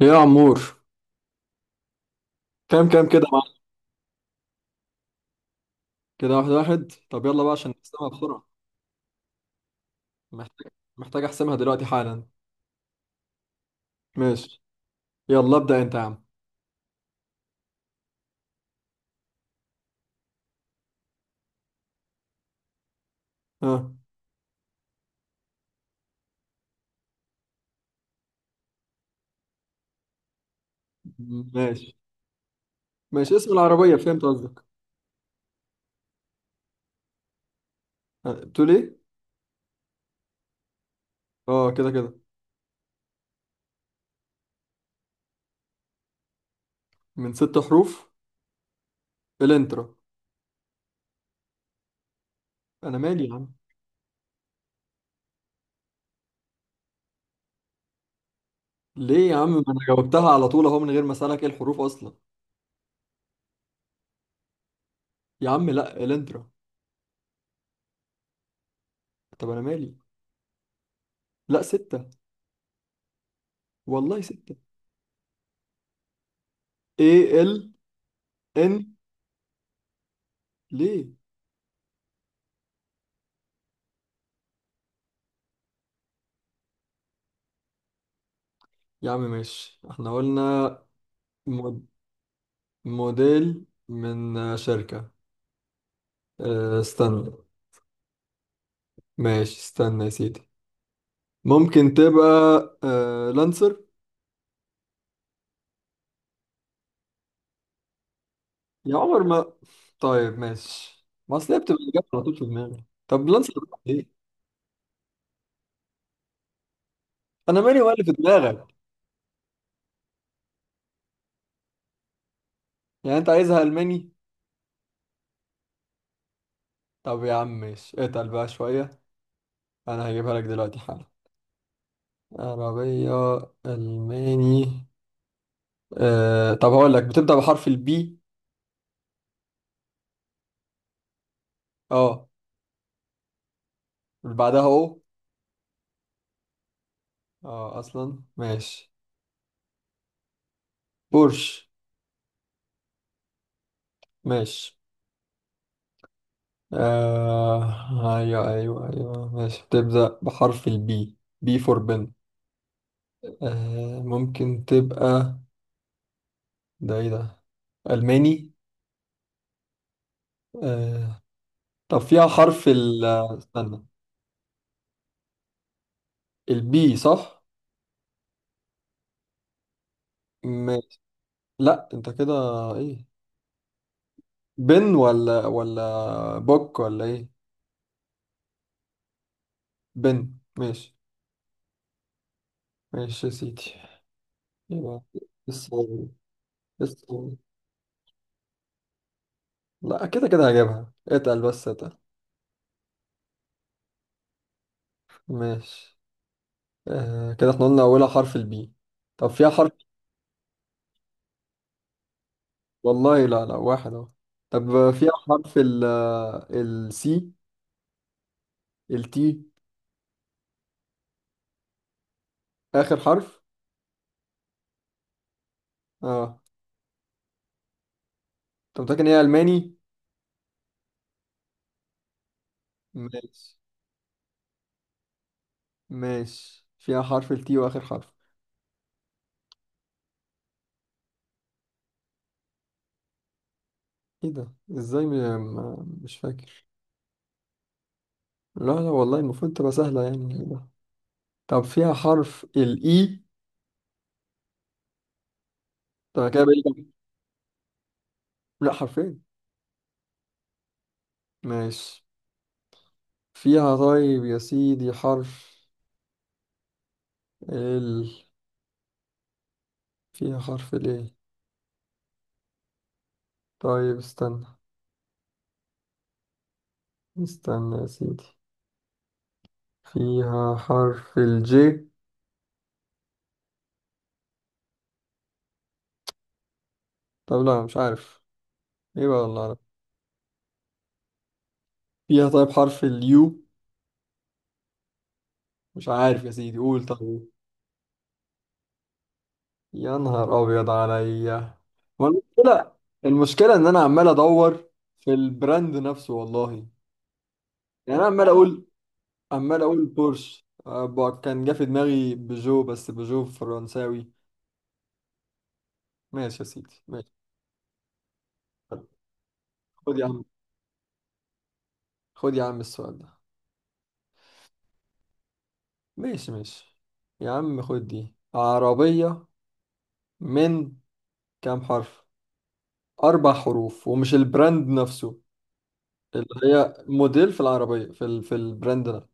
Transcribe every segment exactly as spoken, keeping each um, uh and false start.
ايه يا عمور؟ كام كام كده يا معلم؟ كده واحد واحد، طب يلا بقى عشان نحسمها بسرعة. محتاج محتاج احسمها دلوقتي حالا. ماشي. يلا ابدأ انت يا عم. ها. ماشي. ماشي، اسم العربية، فهمت قصدك. آه، بتقول ايه؟ اه كده كده. من ست حروف. الانترا. انا مالي يا عم. ليه يا عم؟ ما انا جاوبتها على طول اهو من غير ما اسالك ايه الحروف اصلا. يا عم لا الانترا. طب انا مالي. لا ستة. والله ستة. ايه ال ان. ليه يا عم؟ ماشي احنا قلنا. موديل من آه، شركة. آه، استنى. ماشي استنى يا سيدي. ممكن تبقى. آه، لانسر. يا عمر ما. طيب ماشي، ما اصل هي بتبقى الإجابة على طول في دماغي. طب لانسر بقى ايه؟ انا مالي ولا في دماغك؟ يعني انت عايزها الماني؟ طب يا عم ماشي، اتقل بقى شوية. انا هجيبها لك دلوقتي حالا. عربية. الماني. آه، طب هقول لك، بتبدأ بحرف البي. اه. اللي بعدها او. اه اصلا ماشي. بورش. ماشي. آه أيوه أيوه أيوه ماشي، بتبدأ بحرف البي، بي فور بنت. آه ممكن تبقى. ده إيه ده؟ ألماني. آه. طب فيها حرف ال. استنى. البي صح؟ ماشي. لأ أنت كده. إيه؟ بن ولا ولا بوك ولا إيه؟ بن. ماشي. ماشي يا سيدي. يبقى. الصعيد. الصعيد. لأ كده كده هجيبها، اتقل بس اتقل. ماشي. آه كده احنا قلنا أولها حرف البي. طب فيها حرف. والله لا، لا واحد أهو. طب فيها حرف ال. السي. التي. آخر حرف. اه. أنت متأكد إن هي ألماني؟ ماشي. ماشي، فيها حرف التي وآخر حرف. إيه ده؟ إزاي م- ما- مش فاكر. لا لا والله المفروض تبقى سهلة، يعني إيه ده؟ طب فيها حرف الإي. طب أنا كده بقى لي كام؟ لا حرفين. ماشي. فيها طيب يا سيدي حرف ال. فيها حرف الإيه؟ طيب استنى. استنى يا سيدي. فيها حرف الجي. طب لا، مش عارف. ايه بقى والله أعرف. فيها طيب حرف اليو. مش عارف يا سيدي، قول طيب. يا نهار ابيض عليا. ما المشكلة. المشكلة ان انا عمال ادور في البراند نفسه والله. يعني انا عمال اقول، عمال اقول بورش، آه، ب- كان جه في دماغي بيجو، بس بيجو فرنساوي. ماشي يا سيدي ماشي. خد يا عم، خد يا عم السؤال ده. ماشي ماشي يا عم. خد دي عربية. من كام حرف؟ أربع حروف، ومش البراند نفسه، اللي هي موديل في العربية، في ال... في البراند ده.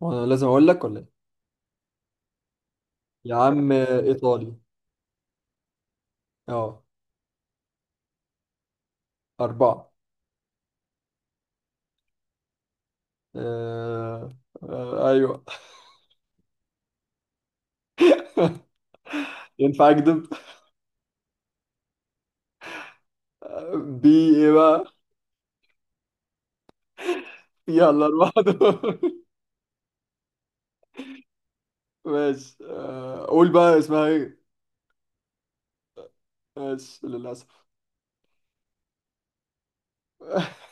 وأنا لازم أقول لك ولا إيه؟ يا عم إيطالي. أه. أربعة. آه... آه... أيوه. ينفع أكذب؟ آه، بي. إيه بقى؟ فيها الأربعة دول. ماشي آه... قول بقى اسمها إيه. ماشي للأسف.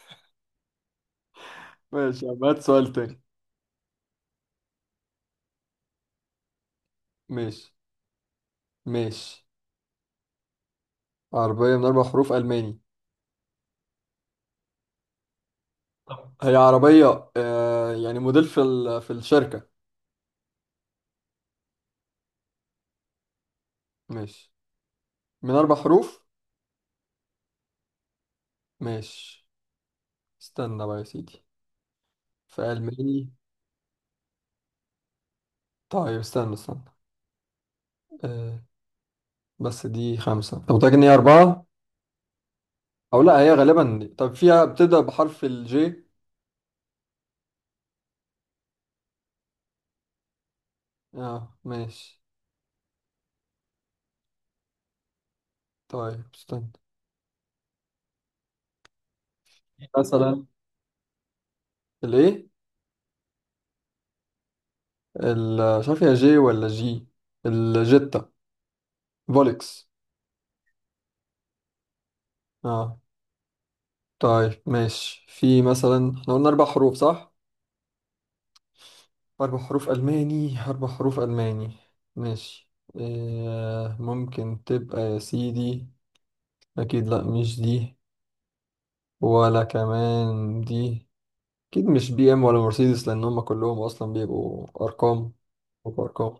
ماشي يا عم، هات سؤال تاني. ماشي ماشي. عربية من أربع حروف ألماني. هي عربية آه... يعني موديل في ال... في الشركة. ماشي. من أربع حروف. ماشي. استنى بقى يا سيدي. في ألماني. طيب استنى. استنى. أه. بس دي خمسة، طب متأكد إن هي أربعة أو لأ؟ هي غالبا طب فيها، بتبدأ بحرف الجي؟ اه ماشي. طيب استنى. مثلا. الإيه. ال- مش عارف هي جي ولا جي. الجيتا. فولكس. اه. طيب ماشي، في مثلا، احنا قلنا أربع حروف صح؟ أربع حروف ألماني، أربع حروف ألماني. ماشي. آه ممكن تبقى يا سيدي. أكيد لأ مش دي، ولا كمان دي. أكيد مش بي إم ولا مرسيدس، لأن هما كلهم أصلا بيبقوا أرقام. وأرقام.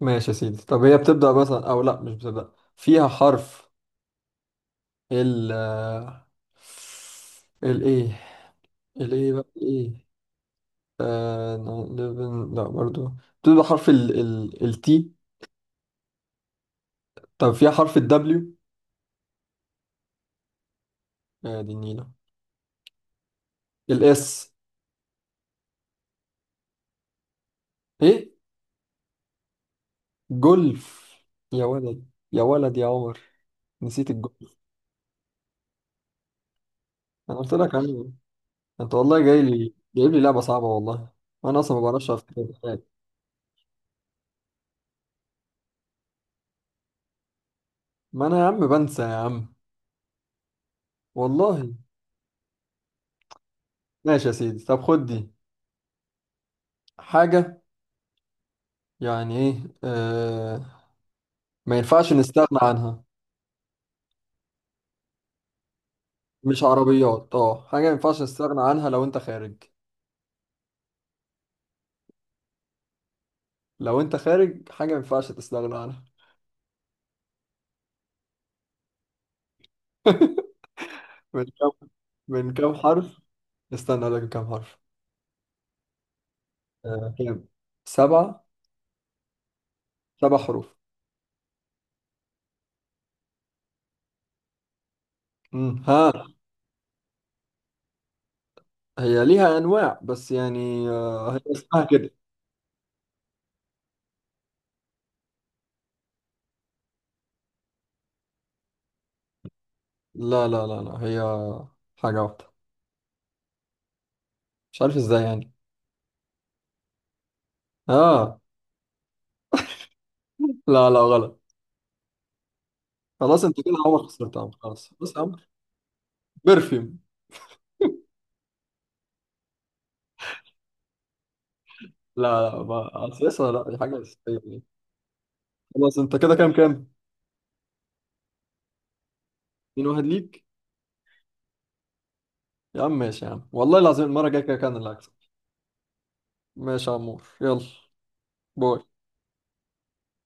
ماشي يا سيدي، طب هي بتبدأ مثلا، أو لأ مش بتبدأ، فيها حرف ال. ال إيه؟ ال إيه بقى إيه؟ آه... نعم، لبن- لا برضو. بتبدأ حرف ال ال التي. طب فيها حرف الدبليو. يا دي النيلة. الاس. ايه؟ جولف. يا ولد، يا ولد يا عمر، نسيت الجولف. انا قلت لك عنه. انت والله جاي لي، جايب لي لعبة صعبة والله. انا اصلا ما بعرفش افتكر حاجة. ما انا يا عم بنسى يا عم. والله. ماشي يا سيدي، طب خد دي. حاجة. يعني ايه آه، ما ينفعش نستغنى عنها. مش عربيات، اه، حاجة ما ينفعش نستغنى عنها لو انت خارج. لو انت خارج حاجة ما ينفعش تستغنى عنها. من كام، من كام حرف؟ استنى اقول لك كام حرف. آه، هي سبعة. سبع حروف. مم. ها. هي ليها أنواع، بس يعني آه، هي اسمها كده. لا لا لا لا، هي حاجة واحدة. مش عارف ازاي يعني. اه. لا لا غلط. خلاص، انت كده عمر خسرت يا عمر. خلاص بص يا عمر. برفيوم. لا لا، ما اساسا لا، دي حاجة أساسية يعني. خلاص، انت كده كام كام؟ اتنين واحد ليك. يا عم ماشي يا عم، والله العظيم المرة الجاية كده كان اللي هكسب. ماشي يا عمور يلا. باي.